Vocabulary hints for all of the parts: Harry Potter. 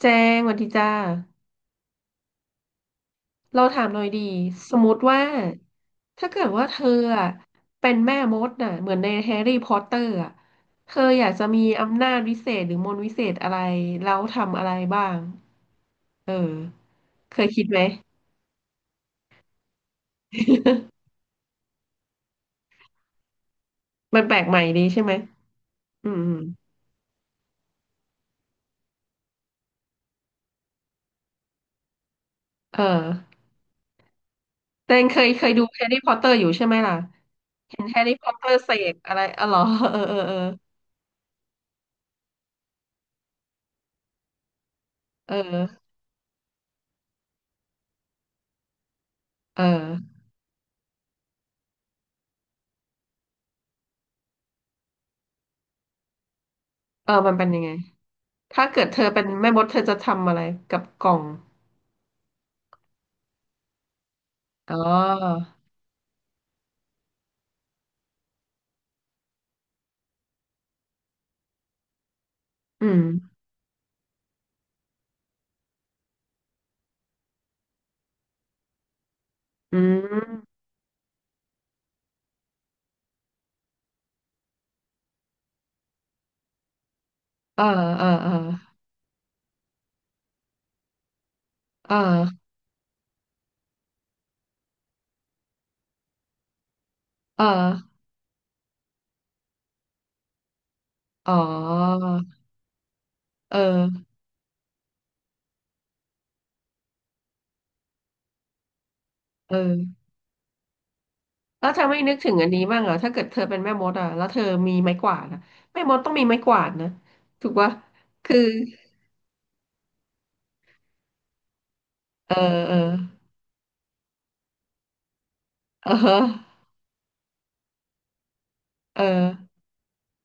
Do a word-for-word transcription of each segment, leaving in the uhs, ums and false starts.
แจ้งสวัสดีจ้า เราถามหน่อยดีสมมติว่าถ้าเกิดว่าเธออะเป็นแม่มดน่ะเหมือนในแฮร์รี่พอตเตอร์อะเธออยากจะมีอำนาจวิเศษหรือมนต์วิเศษอะไรแล้วทำอะไรบ้างเออเคยคิดไหม มันแปลกใหม่ดีใช่ไหมอืมอืมเออแต่เคยเคยดูแฮร์รี่พอตเตอร์อยู่ใช่ไหมล่ะเห็นแฮร์รี่พอตเตอร์เสกอะไรอ๋อเหรอเออเออเออเออเออเออมันเป็นยังไง ถ้าเกิดเธอเป็นแม่มดเธอจะทำอะไรกับกล่องอ๋ออืมอืมเออเออเออเออเอออ๋อเออเออแล้วเธอไม่นึกถึงอันนี้บ้างเหรอถ้าเกิดเธอเป็นแม่มดอ่ะแล้วเธอมีไม้กวาดอ่ะแม่มดต้องมีไม้กวาดนะ ถูกปะคือเออเออเออเออ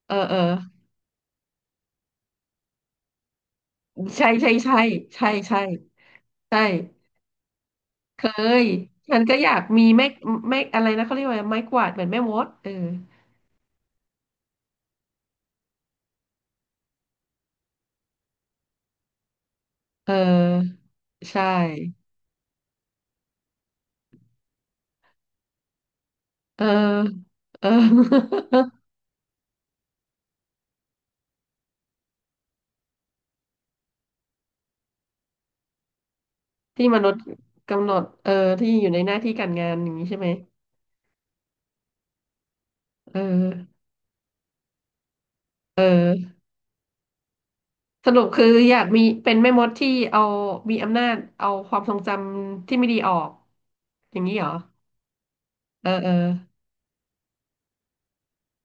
เออเออใช่ใช่ใช่ใช่ใช่ใช่เคยฉันก็อยากมีไม้ไม้อะไรนะเขาเรียกว่าไม้กวาดเหมือนแม่มดเออ เออใช่เออเออ ที่มนุษย์กำหนดเออที่อยู่ในหน้าที่การงานอย่างนี้ใช่ไหมเออเออสรุปคืออยากมีเป็นแม่มดที่เอามีอำนาจเอาความทรงจำที่ไม่ดีออกอย่างนี้เหรอเออเออ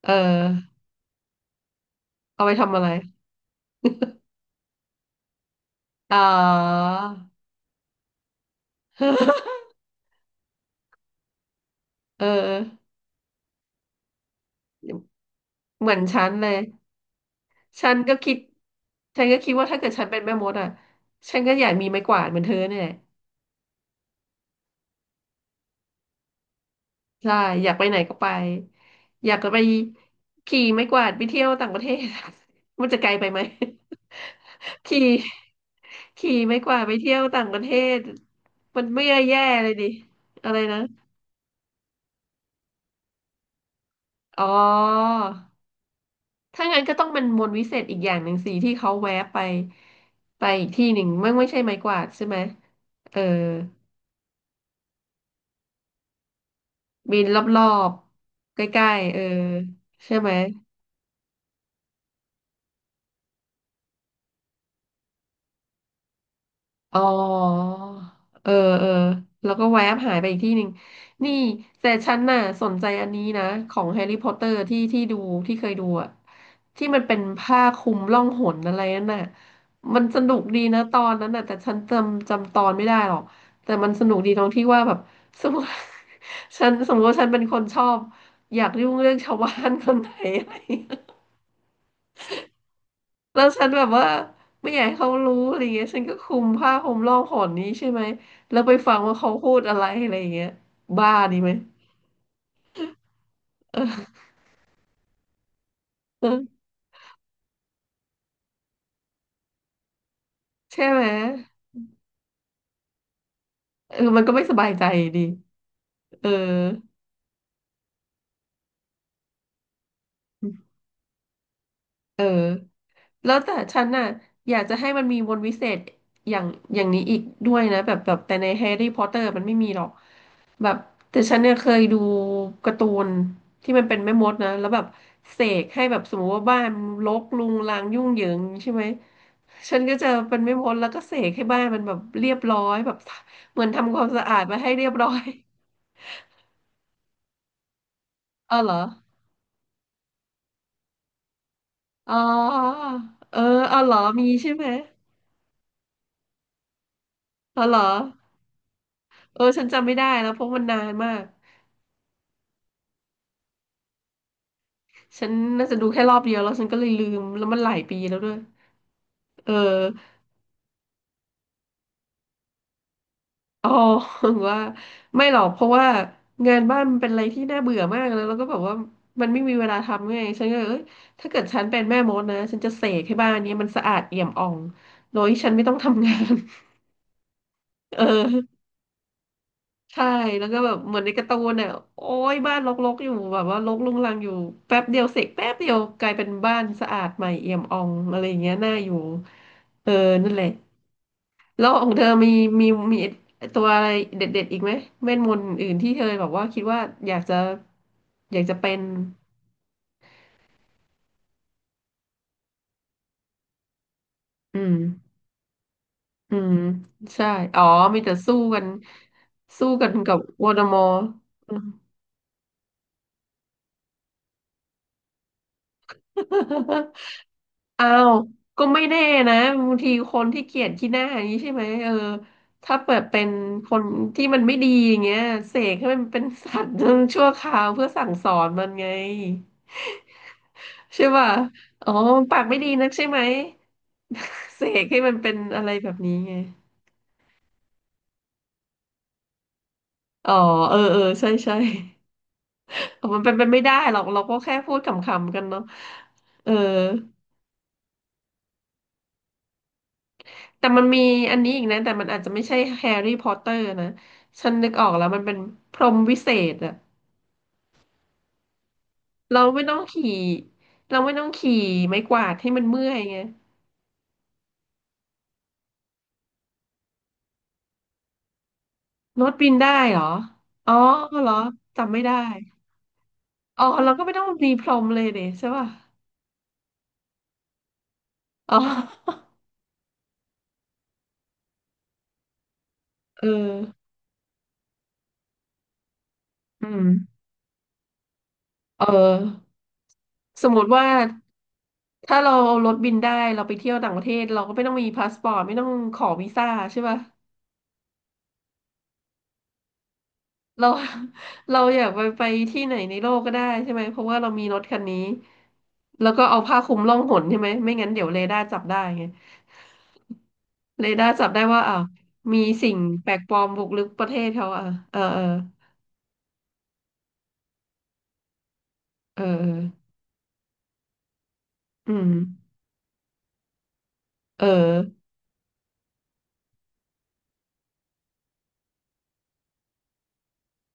เออเอาไปทำอะไรอ๋อ เออเหมือนฉันเลยฉันก็คิดฉันก็คิดว่าถ้าเกิดฉันเป็นแม่มดอ่ะฉันก็อยากมีไม้กวาดเหมือนเธอเนี่ย ใช่อยากไปไหนก็ไปอยากจะไปขี่ไม้กวาดไปเที่ยวต่างประเทศ มันจะไกลไปไหม ขี่ขี่ไม้กวาดไปเที่ยวต่างประเทศมันไม่ได้แย่เลยดิอะไรนะอ๋อถ้างั้นก็ต้องเป็นมนต์วิเศษอีกอย่างหนึ่งสิที่เขาแวะไปไปอีกที่หนึ่งไม่ไม่ใช่ไม้กวาดใช่ไหมเออบินรอบๆใกล้ๆเออใช่ไหม อ๋อ เออ เออ แล้วก็แวบหายไปอีกที่หนึ่ง นี่แต่ฉันน่ะสนใจอันนี้นะของแฮร์รี่พอตเตอร์ที่ที่ดูที่เคยดูอะที่มันเป็นผ้าคลุมล่องหนอะไรนั่นน่ะมันสนุกดีนะตอนนั้นน่ะแต่ฉันจำจำตอนไม่ได้หรอกแต่มันสนุกดีตรงที่ว่าแบบสมมติ ฉันสมมติว่าฉันเป็นคนชอบอยากยุ่งเรื่องชาวบ้านคนไหนอะไร แล้วฉันแบบว่าไม่อยากให้เขารู้อะไรเงี้ยฉันก็คลุมผ้าห่มร่องหนนี้ใช่ไหมแล้วไปฟังว่าเขาพูดอะไรอะไรเงี้ยบ้าดีไหมเออใช่ไหมเออมันก็ไม่สบายใจดีเออเออแล้วแต่ฉันน่ะอยากจะให้มันมีมนต์วิเศษอย่างอย่างนี้อีกด้วยนะแบบแบบแต่ในแฮร์รี่พอตเตอร์มันไม่มีหรอกแบบแต่ฉันเนี่ยเคยดูการ์ตูนที่มันเป็นแม่มดนะแล้วแบบเสกให้แบบสมมติว่าบ้านรกรุงรังยุ่งเหยิงใช่ไหม ฉันก็จะเป็นไม่มดแล้วก็เสกให้บ้านมันแบบเรียบร้อยแบบเหมือนทำความสะอาดมาให้เรียบร้อย เอาเหรออ๋อเออเอาเหรอมีใช่ไหมเอาเหรอเออฉันจำไม่ได้แล้วเพราะมันนานมากฉันน่าจะดูแค่รอบเดียวแล้วฉันก็เลยลืมแล้วมันหลายปีแล้วด้วยเออ อ๋อ ว่าไม่หรอกเพราะว่างานบ้านมันเป็นอะไรที่น่าเบื่อมากแล้วแล้วก็แบบว่ามันไม่มีเวลาทำไงฉันก็เลยเอ้ยถ้าเกิดฉันเป็นแม่มดนะฉันจะเสกให้บ้านเนี้ยมันสะอาดเอี่ยมอ่องโดยที่ฉันไม่ต้องทำงาน เออใช่แล้วก็แบบเหมือนในการ์ตูนเนี่ยโอ้ยบ้านรกๆอยู่แบบว่ารกรุงรังอยู่แป๊บเดียวเสกแป๊บเดียวกลายเป็นบ้านสะอาดใหม่เอี่ยมอ่องอะไรอย่างเงี้ยน่าอยู่เออนั่นแหละ แล้วของเธอมีมีมีตัวอะไรเด็ดๆอีกไหมเวทมนต์อื่นที่เธอแบบว่าคิดว่าอยากจะอยากจะเป็นอืมอืมใช่อ๋อมีแต่สู้กันสู้กันกับวอร์ดมอร์อืม อ้าวก็ไม่แน่นะบางทีคนที่เกลียดขี้หน้าอย่างนี้ใช่ไหมเออถ้าเปิดเป็นคนที่มันไม่ดีอย่างเงี้ยเสกให้มันเป็นสัตว์ ชั่วคราวเพื่อสั่งสอนมันไง ใช่ป่ะ อ๋อปากไม่ดีนักใช่ไหม เสกให้มันเป็นอะไรแบบนี้ไง อ๋อ เออ เออ ใช่ใช่ อ๋อมันเป็นไปไม่ได้หรอก เราก็แค่พูดขำๆ กันเนาะเออ แต่มันมีอันนี้อีกนะ แต่มันอาจจะไม่ใช่แฮร์รี่พอตเตอร์นะ ฉันนึกออกแล้วมันเป็นพรหมวิเศษอะ เราไม่ต้องขี่เราไม่ต้องขี่ไม้กวาดให้มันเมื่อยไงรถบินได้เหรออ๋อเหรอจำไม่ได้อ๋อเราก็ไม่ต้องมีพรหมเลยเดใช่ป่ะ อ๋อ เอออืมเออสมมติว่าถ้าเราเอารถบินได้เราไปเที่ยวต่างประเทศเราก็ไม่ต้องมีพาสปอร์ตไม่ต้องขอวีซ่าใช่ป่ะเรา เราอยากไปไปที่ไหนในโลกก็ได้ใช่ไหมเพราะว่าเรามีรถคันนี้แล้วก็เอาผ้าคลุมล่องหนใช่ไหมไม่งั้นเดี๋ยวเรดาร์จับได้ไงเรดาร์จับได้ว่าอ้าวมีสิ่งแปลกปลอมบุกรุกประเทศเขาอ่ะเออเออเออเอออืมเออ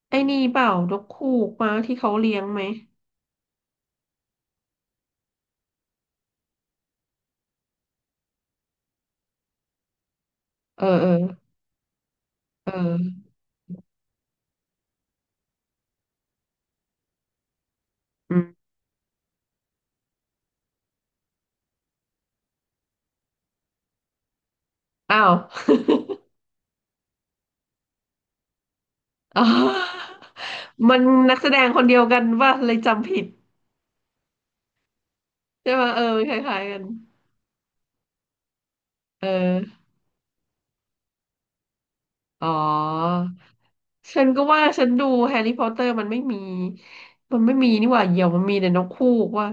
ไอ้นี่เปล่านกคูกมาที่เขาเลี้ยงไหมเออเออ เอออืมอ้าว อ๋อมันนักแสดงคนเดียวกันว่าเลยจำผิดใช่ไหมเออมันคล้ายๆกันเอออ๋อฉันก็ว่าฉันดูแฮร์รี่พอตเตอร์มันไม่มีมันไม่มีนี่หว่าเหยี่ยวมันมีแต่นกคู่ว่า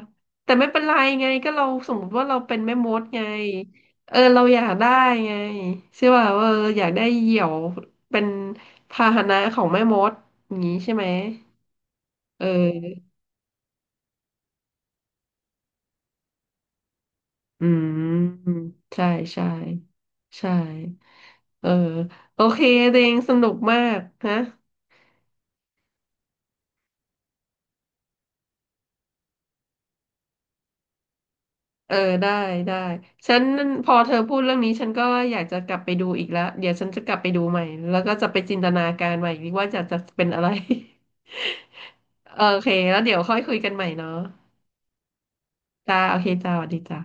แต่ไม่เป็นไรไงก็เราสมมติว่าเราเป็นแม่มดไงเออเราอยากได้ไงใช่ป่ะว่าเอออยากได้เหยี่ยวเป็นพาหนะของแม่มดอย่างนี้ใช่ไหมเออ อืมใช่ใช่ใช่เออโอเคเดงสนุกมากฮะเออได้ได้ฉันพอเธอพูดเรื่องนี้ฉันก็อยากจะกลับไปดูอีกแล้วเดี๋ยวฉันจะกลับไปดูใหม่แล้วก็จะไปจินตนาการใหม่อีกว่าจะจะเป็นอะไร โอเคแล้วเดี๋ยวค่อยคุยกันใหม่เนาะจ้าโอเคจ้าสวัสดีจ้า